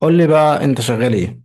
قول لي بقى انت شغال ايه؟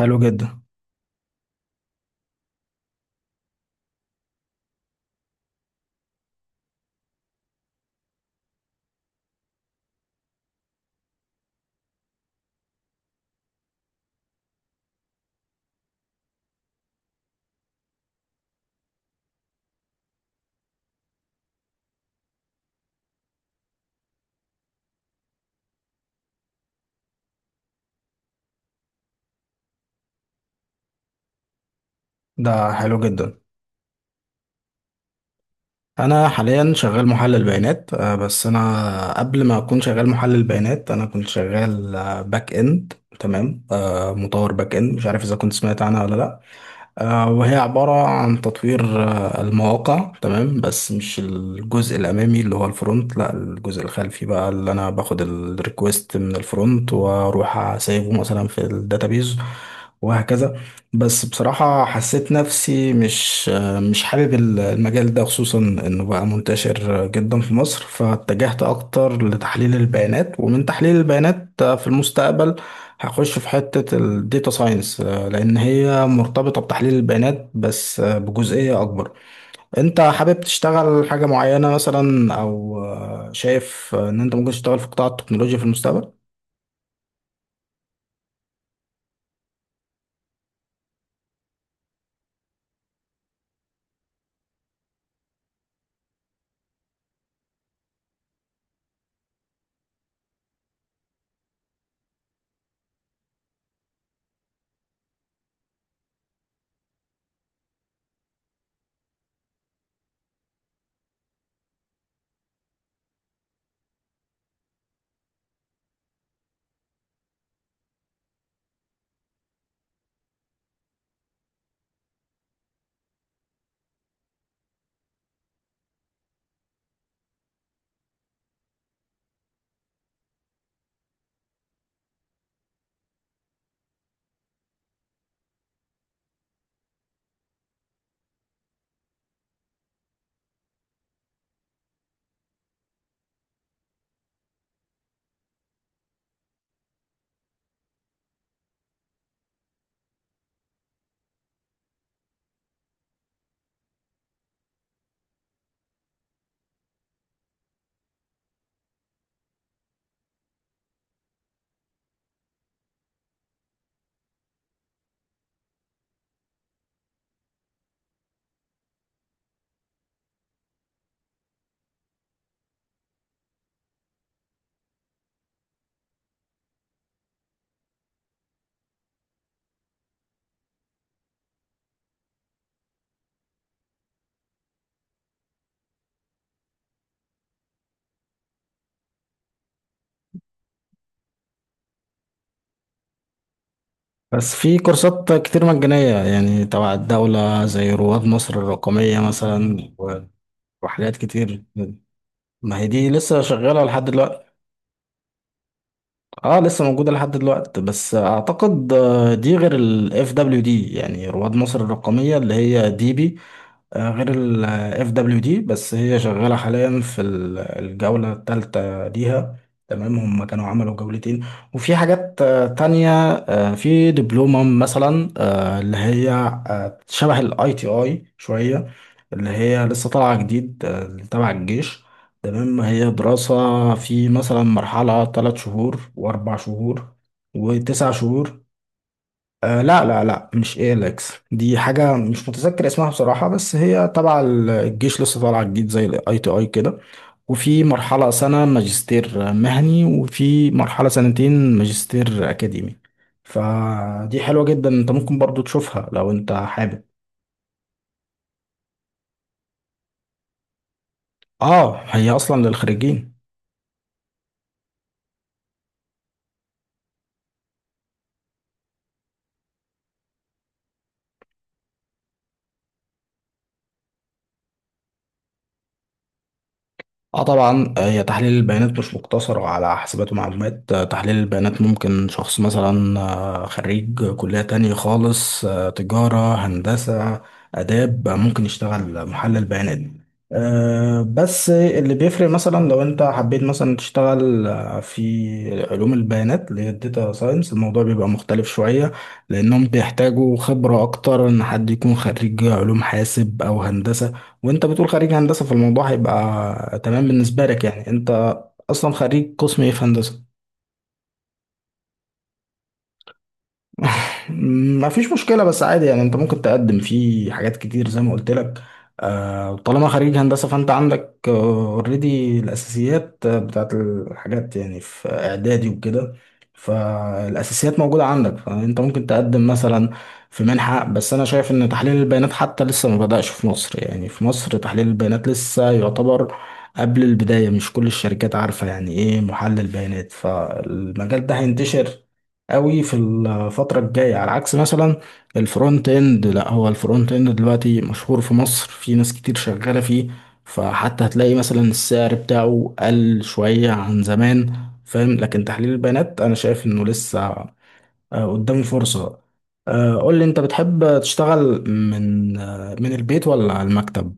حلو جدا. ده حلو جدا. انا حاليا شغال محلل بيانات، بس انا قبل ما اكون شغال محلل بيانات انا كنت شغال باك اند. تمام، مطور باك اند. مش عارف اذا كنت سمعت عنها ولا لا؟ وهي عبارة عن تطوير المواقع. تمام، بس مش الجزء الأمامي اللي هو الفرونت، لا الجزء الخلفي بقى اللي أنا باخد الريكوست من الفرونت وأروح أسيبه مثلا في الداتابيز وهكذا. بس بصراحة حسيت نفسي مش حابب المجال ده، خصوصا إنه بقى منتشر جدا في مصر. فاتجهت أكتر لتحليل البيانات، ومن تحليل البيانات في المستقبل هخش في حتة الديتا ساينس، لأن هي مرتبطة بتحليل البيانات بس بجزئية أكبر. أنت حابب تشتغل حاجة معينة مثلا، أو شايف إن أنت ممكن تشتغل في قطاع التكنولوجيا في المستقبل؟ بس في كورسات كتير مجانية يعني تبع الدولة، زي رواد مصر الرقمية مثلا وحاجات كتير. ما هي دي لسه شغالة لحد دلوقتي؟ اه، لسه موجودة لحد دلوقتي، بس اعتقد دي غير ال FWD. يعني رواد مصر الرقمية اللي هي دي بي، غير ال اف دبليو دي، بس هي شغالة حاليا في الجولة الثالثة ليها. تمام، هم كانوا عملوا جولتين. وفي حاجات تانية، في دبلومة مثلا اللي هي شبه الاي تي اي شوية، اللي هي لسه طالعة جديد تبع الجيش. تمام، هي دراسة في مثلا مرحلة تلات شهور وأربع شهور وتسع شهور. آه لا لا لا مش ايلكس، دي حاجة مش متذكر اسمها بصراحة، بس هي تبع الجيش لسه طالعة جديد زي الاي تي اي كده. وفي مرحلة سنة ماجستير مهني، وفي مرحلة سنتين ماجستير اكاديمي. فدي حلوة جدا، انت ممكن برضو تشوفها لو انت حابب. اه هي اصلا للخريجين. اه طبعا، هي تحليل البيانات مش مقتصر على حسابات ومعلومات، تحليل البيانات ممكن شخص مثلا خريج كلية تانية خالص، تجارة، هندسة، آداب، ممكن يشتغل محلل بيانات. بس اللي بيفرق مثلا لو انت حبيت مثلا تشتغل في علوم البيانات اللي هي الداتا ساينس، الموضوع بيبقى مختلف شوية. لأنهم بيحتاجوا خبرة أكتر إن حد يكون خريج علوم حاسب أو هندسة. وانت بتقول خريج هندسة، فالموضوع هيبقى تمام بالنسبة لك، يعني انت اصلا خريج قسم ايه في هندسة؟ ما فيش مشكلة، بس عادي يعني انت ممكن تقدم فيه حاجات كتير زي ما قلت لك. طالما خريج هندسة فانت عندك اوريدي الاساسيات بتاعت الحاجات يعني في اعدادي وكده. فالاساسيات موجودة عندك، فانت ممكن تقدم مثلا في منحة. بس انا شايف ان تحليل البيانات حتى لسه ما بدأش في مصر، يعني في مصر تحليل البيانات لسه يعتبر قبل البداية. مش كل الشركات عارفة يعني ايه محلل بيانات، فالمجال ده هينتشر قوي في الفترة الجاية، على عكس مثلا الفرونت اند. لا، هو الفرونت اند دلوقتي مشهور في مصر، في ناس كتير شغالة فيه، فحتى هتلاقي مثلا السعر بتاعه قل شوية عن زمان. فاهم، لكن تحليل البيانات انا شايف انه لسه قدامه فرصة. قول لي انت بتحب تشتغل من من البيت ولا على المكتب؟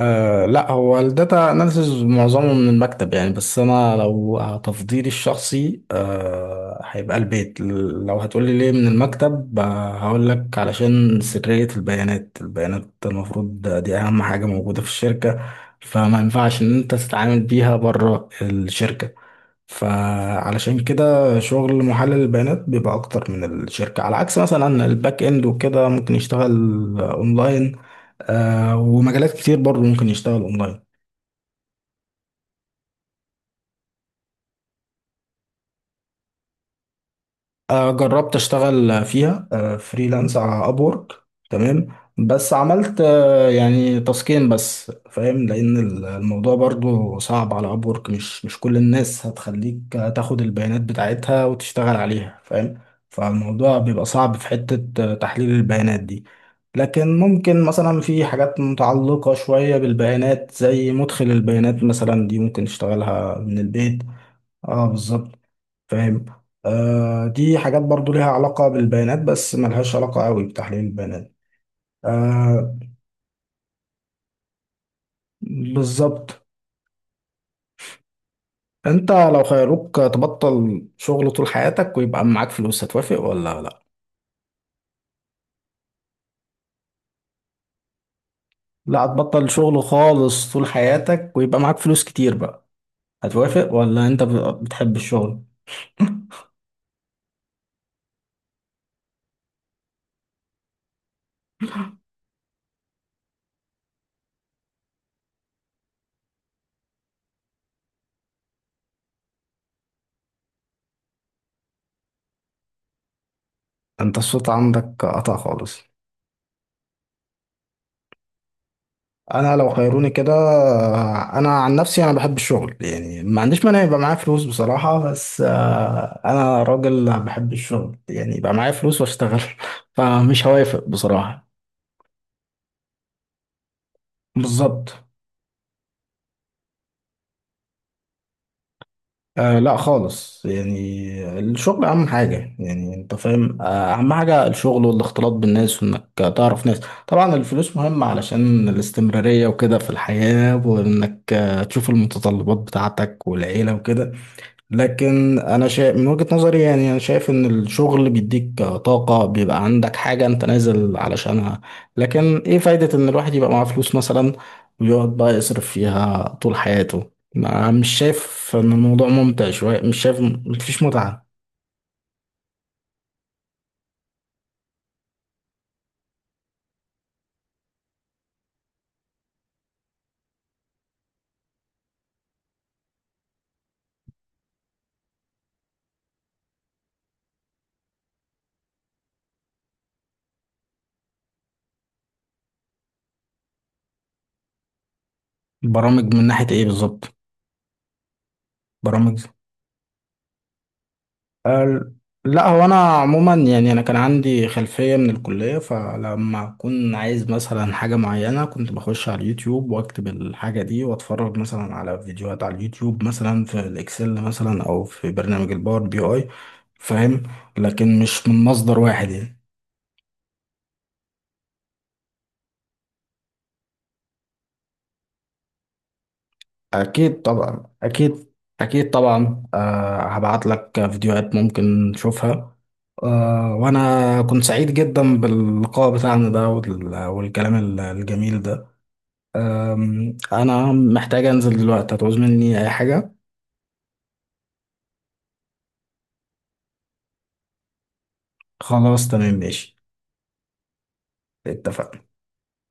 أه لا، هو الداتا اناليسز معظمه من المكتب يعني. بس انا لو تفضيلي الشخصي هيبقى البيت. لو هتقولي ليه من المكتب هقول لك علشان سرية البيانات. البيانات المفروض دي اهم حاجة موجودة في الشركة، فما ينفعش ان انت تتعامل بيها بره الشركة. فعلشان كده شغل محلل البيانات بيبقى اكتر من الشركة، على عكس مثلا الباك اند وكده ممكن يشتغل اونلاين. ومجالات كتير برضه ممكن يشتغل اونلاين. جربت اشتغل فيها فريلانس على ابورك. تمام، بس عملت يعني تاسكين بس فاهم، لان الموضوع برضو صعب على ابورك، مش كل الناس هتخليك تاخد البيانات بتاعتها وتشتغل عليها، فاهم. فالموضوع بيبقى صعب في حتة تحليل البيانات دي. لكن ممكن مثلا في حاجات متعلقة شوية بالبيانات زي مدخل البيانات مثلا، دي ممكن تشتغلها من البيت. اه بالظبط. فاهم. آه، دي حاجات برضو ليها علاقة بالبيانات، بس ملهاش علاقة قوي بتحليل البيانات. آه بالظبط. انت لو خيروك تبطل شغل طول حياتك ويبقى معاك فلوس، هتوافق ولا لا؟ لا، هتبطل شغل خالص طول حياتك ويبقى معاك فلوس كتير بقى. هتوافق ولا انت بتحب الشغل؟ انت الصوت عندك قطع خالص. انا لو خيروني كده، انا عن نفسي انا بحب الشغل يعني، ما عنديش مانع يبقى معايا فلوس بصراحة، بس انا راجل بحب الشغل، يعني يبقى معايا فلوس واشتغل. فمش هوافق بصراحة. بالظبط. آه لا خالص، يعني الشغل اهم حاجة، يعني انت فاهم. اهم حاجة الشغل والاختلاط بالناس، وانك تعرف ناس. طبعا الفلوس مهمة علشان الاستمرارية وكده في الحياة، وانك تشوف المتطلبات بتاعتك والعيلة وكده. لكن انا شايف من وجهة نظري، يعني انا شايف ان الشغل بيديك طاقة، بيبقى عندك حاجة انت نازل علشانها. لكن ايه فايدة ان الواحد يبقى معاه فلوس مثلا، ويقعد بقى يصرف فيها طول حياته؟ مش شايف ان الموضوع ممتع شوية؟ مش شايف؟ مفيش متعة. برامج من ناحية ايه بالظبط؟ برامج. أه، لا هو انا عموما يعني انا كان عندي خلفيه من الكليه، فلما اكون عايز مثلا حاجه معينه كنت بخش على اليوتيوب واكتب الحاجه دي واتفرج مثلا على فيديوهات على اليوتيوب، مثلا في الاكسل مثلا او في برنامج الباور بي اي. فاهم، لكن مش من مصدر واحد يعني. اكيد طبعا، اكيد. اكيد طبعا، هبعت لك فيديوهات ممكن تشوفها. وانا كنت سعيد جدا باللقاء بتاعنا ده والكلام الجميل ده. انا محتاج انزل دلوقتي، هتعوز مني اي حاجة؟ خلاص تمام ماشي. اتفقنا.